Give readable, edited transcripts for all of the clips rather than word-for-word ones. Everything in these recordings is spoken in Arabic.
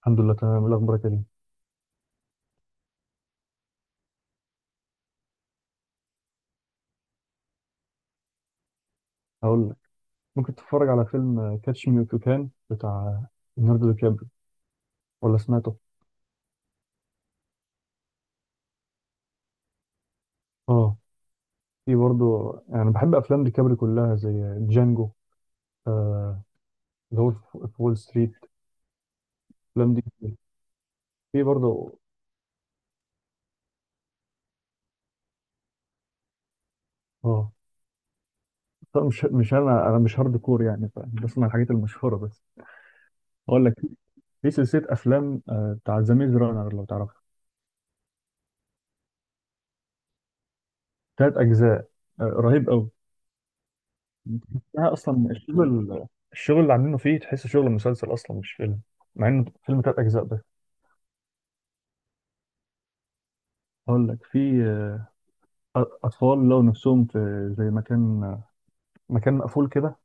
الحمد لله، تمام. إيه الاخبار يا كريم؟ هقول لك. ممكن تتفرج على فيلم كاتش مي إف يو كان، بتاع ليوناردو دي كابري. ولا سمعته؟ اه. في برضه. يعني بحب افلام دي كابري كلها، زي جانجو. آه. اللي هو في وول ستريت، الافلام دي. في برضه. اه. طب مش انا مش هارد كور يعني، بسمع الحاجات المشهوره بس. هقول لك. في سلسله افلام بتاع ذا ميز رانر، لو تعرفها. 3 اجزاء. رهيب قوي. لا، اصلا الشغل اللي عاملينه فيه، تحسه شغل مسلسل اصلا مش فيلم، مع انه فيلم. 3 اجزاء ده. هقول لك. في اطفال لو نفسهم في زي مكان مقفول كده.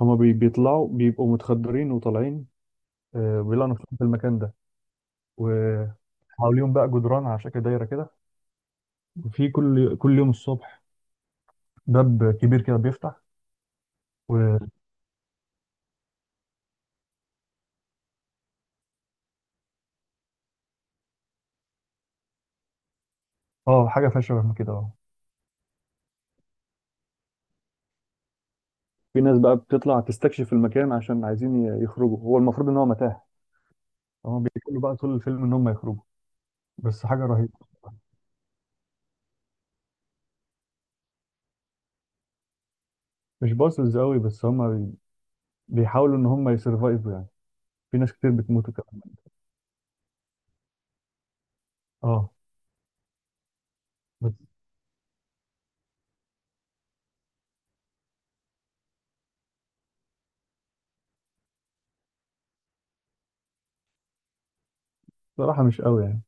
هما بيطلعوا بيبقوا متخدرين وطالعين. بيلاقوا نفسهم في المكان ده، وحواليهم بقى جدران على شكل دايره كده. وفي كل يوم الصبح باب كبير كده بيفتح. و اه، حاجه فيها شبه من كده. اه. في ناس بقى بتطلع تستكشف المكان عشان عايزين يخرجوا. هو المفروض ان هو متاهه. هما بيقولوا بقى طول الفيلم ان هم يخرجوا، بس حاجة رهيبة. مش باصص قوي، بس هما بيحاولوا ان هما يسرفايفوا يعني. في ناس كتير بتموتوا كمان. اه. بس بصراحة مش قوي يعني.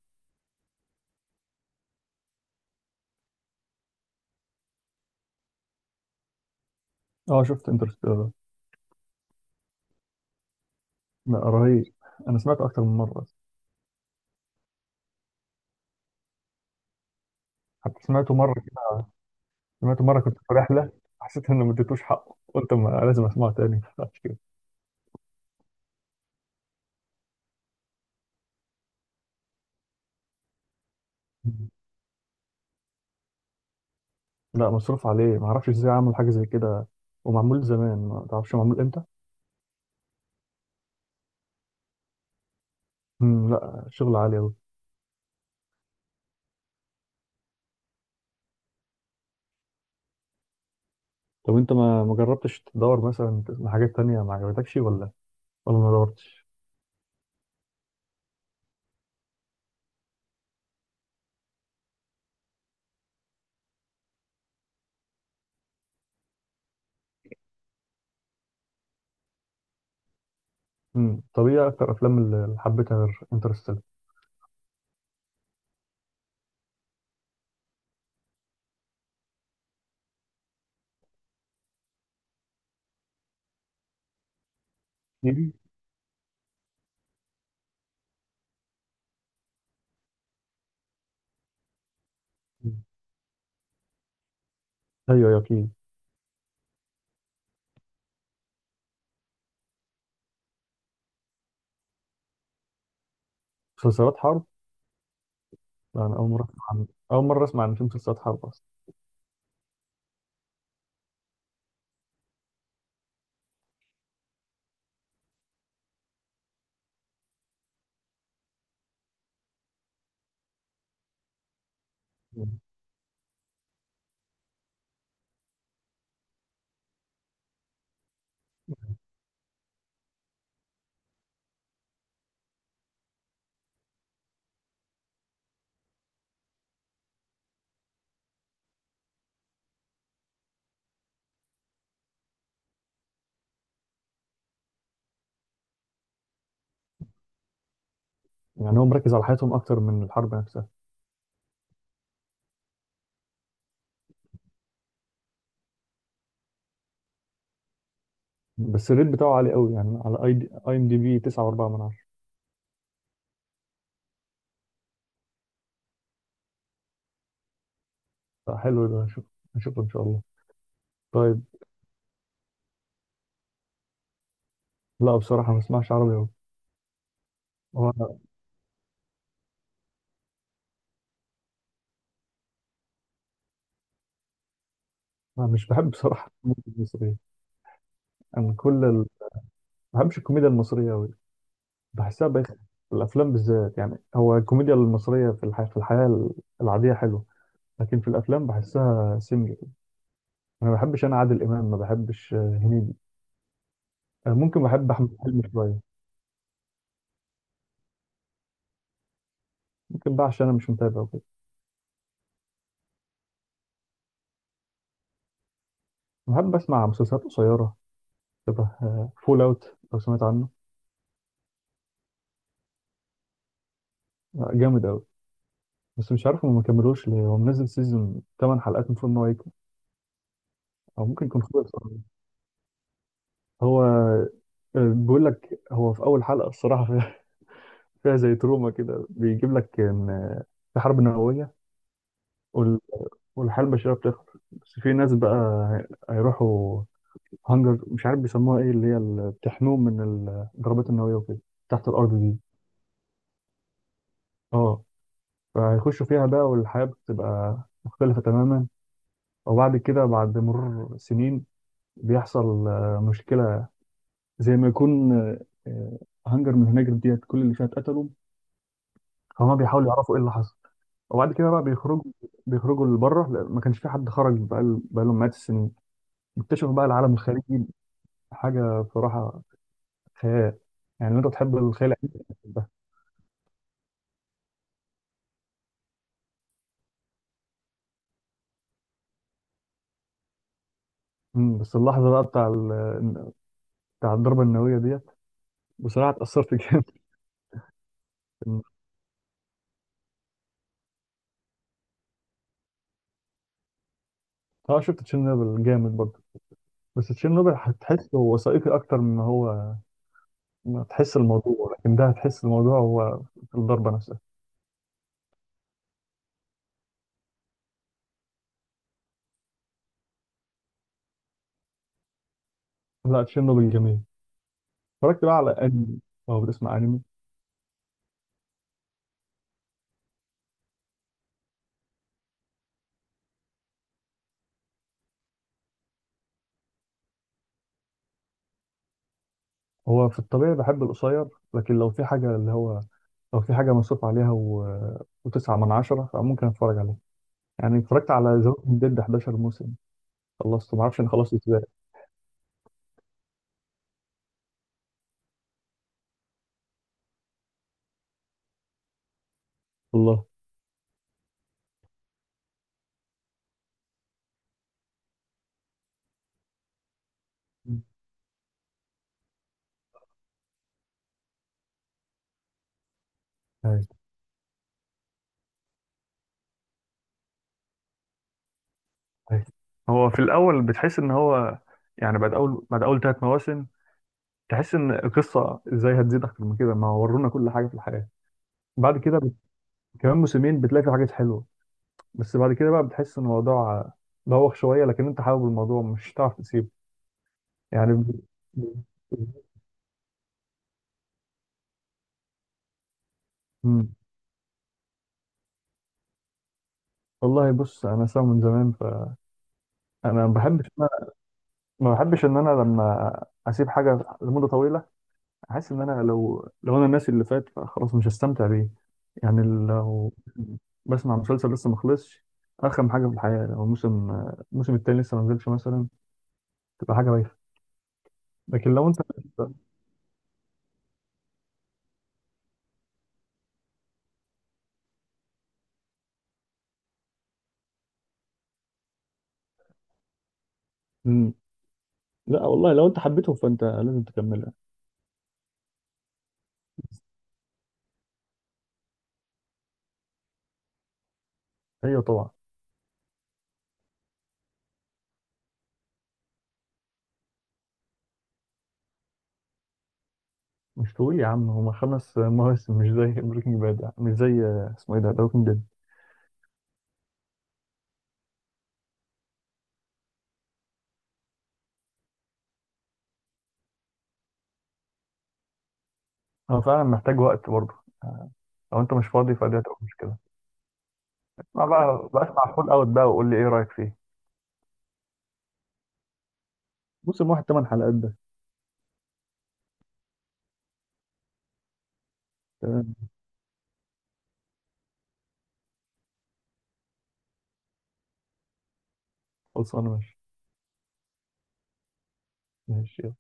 اه، شفت انترستيلر. لا، رهيب. انا سمعته اكتر من مرة. حتى سمعته مرة كده. سمعته مرة كنت في رحلة، حسيت ان ما اديتوش حقه، قلت ما لازم اسمعه تاني عشان كده. لا، مصروف عليه. ما اعرفش ازاي عمل حاجة زي كده، ومعمول زمان، ما تعرفش معمول امتى. لا، شغل عالي قوي. طب انت ما جربتش تدور مثلا تسمع حاجات تانية، ما عجبتكش ولا ما دورتش؟ مم. طب ايه اكتر افلام اللي حبيتها غير انترستيلر؟ أكيد. مم. ايوه، ايوه، اكيد. مسلسلات حرب؟ يعني اول مره اسمع ان في مسلسلات حرب اصلا. مم. يعني هو مركز على حياتهم اكتر من الحرب نفسها. بس الريت بتاعه عالي قوي يعني، على اي دي اي ام دي بي، 9.4 من 10. فحلو ده، هشوفه ان شاء الله. طيب. لا، بصراحه ما بسمعش عربي قوي. هو انا أنا مش بحب بصراحه الكوميديا المصريه. انا كل ال... ما بحبش الكوميديا المصريه قوي. بحسها بقت، في الافلام بالذات. يعني هو الكوميديا المصريه في الحياه العاديه حلوه، لكن في الافلام بحسها سمجة كده. انا ما بحبش، انا عادل امام ما بحبش، هنيدي. ممكن بحب احمد حلمي شويه. ممكن بقى عشان انا مش متابع وكده. بحب اسمع مسلسلات قصيره شبه فول اوت، لو سمعت عنه. جامد قوي. بس مش عارف هو ما كملوش ليه، هو منزل سيزون 8 حلقات، المفروض ان هو يكمل، او ممكن يكون خلص أصلاً. هو آه، بيقول لك، هو في اول حلقه الصراحه فيها، فيها زي تروما كده. بيجيب لك ان في حرب نوويه، وال- والحياة البشرية بتخلص. بس في ناس بقى هيروحوا هانجر، مش عارف بيسموها ايه، اللي هي اللي بتحميهم من الضربات النووية وكده، تحت الأرض دي. اه. فهيخشوا فيها بقى، والحياة بتبقى مختلفة تماما. وبعد كده، بعد مرور سنين، بيحصل مشكلة. زي ما يكون، آه، هانجر من هناجر ديت كل اللي فيها اتقتلوا. هما بيحاولوا يعرفوا ايه اللي حصل. وبعد كده بقى بيخرجوا لبره، لأن ما كانش في حد خرج بقى لهم مئات السنين. بيكتشفوا بقى العالم الخارجي، حاجة بصراحة خيال. يعني لو انت بتحب الخيال العلمي. بس اللحظة بقى بتاع الضربة النووية ديت، بصراحة اتأثرت جامد. اه، شفت تشيرنوبل جامد برضه. بس تشيرنوبل هتحس هو وثائقي أكتر، من هو ما تحس الموضوع. لكن ده هتحس الموضوع، هو في الضربة نفسها. لا، تشيرنوبل جميل. اتفرجت بقى على أنمي؟ أو بتسمع أنمي؟ هو في الطبيعي بحب القصير، لكن لو في حاجة مصروف عليها وتسعة من عشرة، فممكن أتفرج عليه. يعني اتفرجت على ذا ووكينج ديد 11 موسم، خلصته معرفش أنا خلصت إزاي. والله. هاي. أيوة. هو في الأول بتحس إن هو، يعني بعد أول 3 مواسم، تحس إن القصة إزاي هتزيد أكتر من كده، ما ورونا كل حاجة في الحياة. بعد كده كمان موسمين بتلاقي في حاجات حلوة. بس بعد كده بقى بتحس إن الموضوع بوخ شوية، لكن أنت حابب الموضوع مش هتعرف تسيبه. يعني ب- مم. والله، بص أنا سامع من زمان، فأنا ما بحبش ما بحبش إن أنا لما أسيب حاجة لمدة طويلة، حاسس ان انا لو انا الناس اللي فات فخلاص مش هستمتع بيه يعني. لو بسمع مسلسل لسه ما خلصش، ارخم حاجه في الحياه لو الموسم التاني لسه ما نزلش مثلا، تبقى حاجه بايخه. لكن لو انت مم. لا والله، لو انت حبيته فانت لازم تكملها. ايوه طبعا. مش طويل يا عم، هما 5 مواسم، مش زي بريكنج باد، مش زي اسمه ايه ده، بريكنج باد. هو فعلا محتاج وقت برضه، لو انت مش فاضي فدي هتبقى مشكله. اسمع بقى اسمع فول اوت بقى، وقول لي ايه رايك فيه. موسم واحد 8 حلقات ده. تمام. خلصانه، ماشي. ماشي، يلا.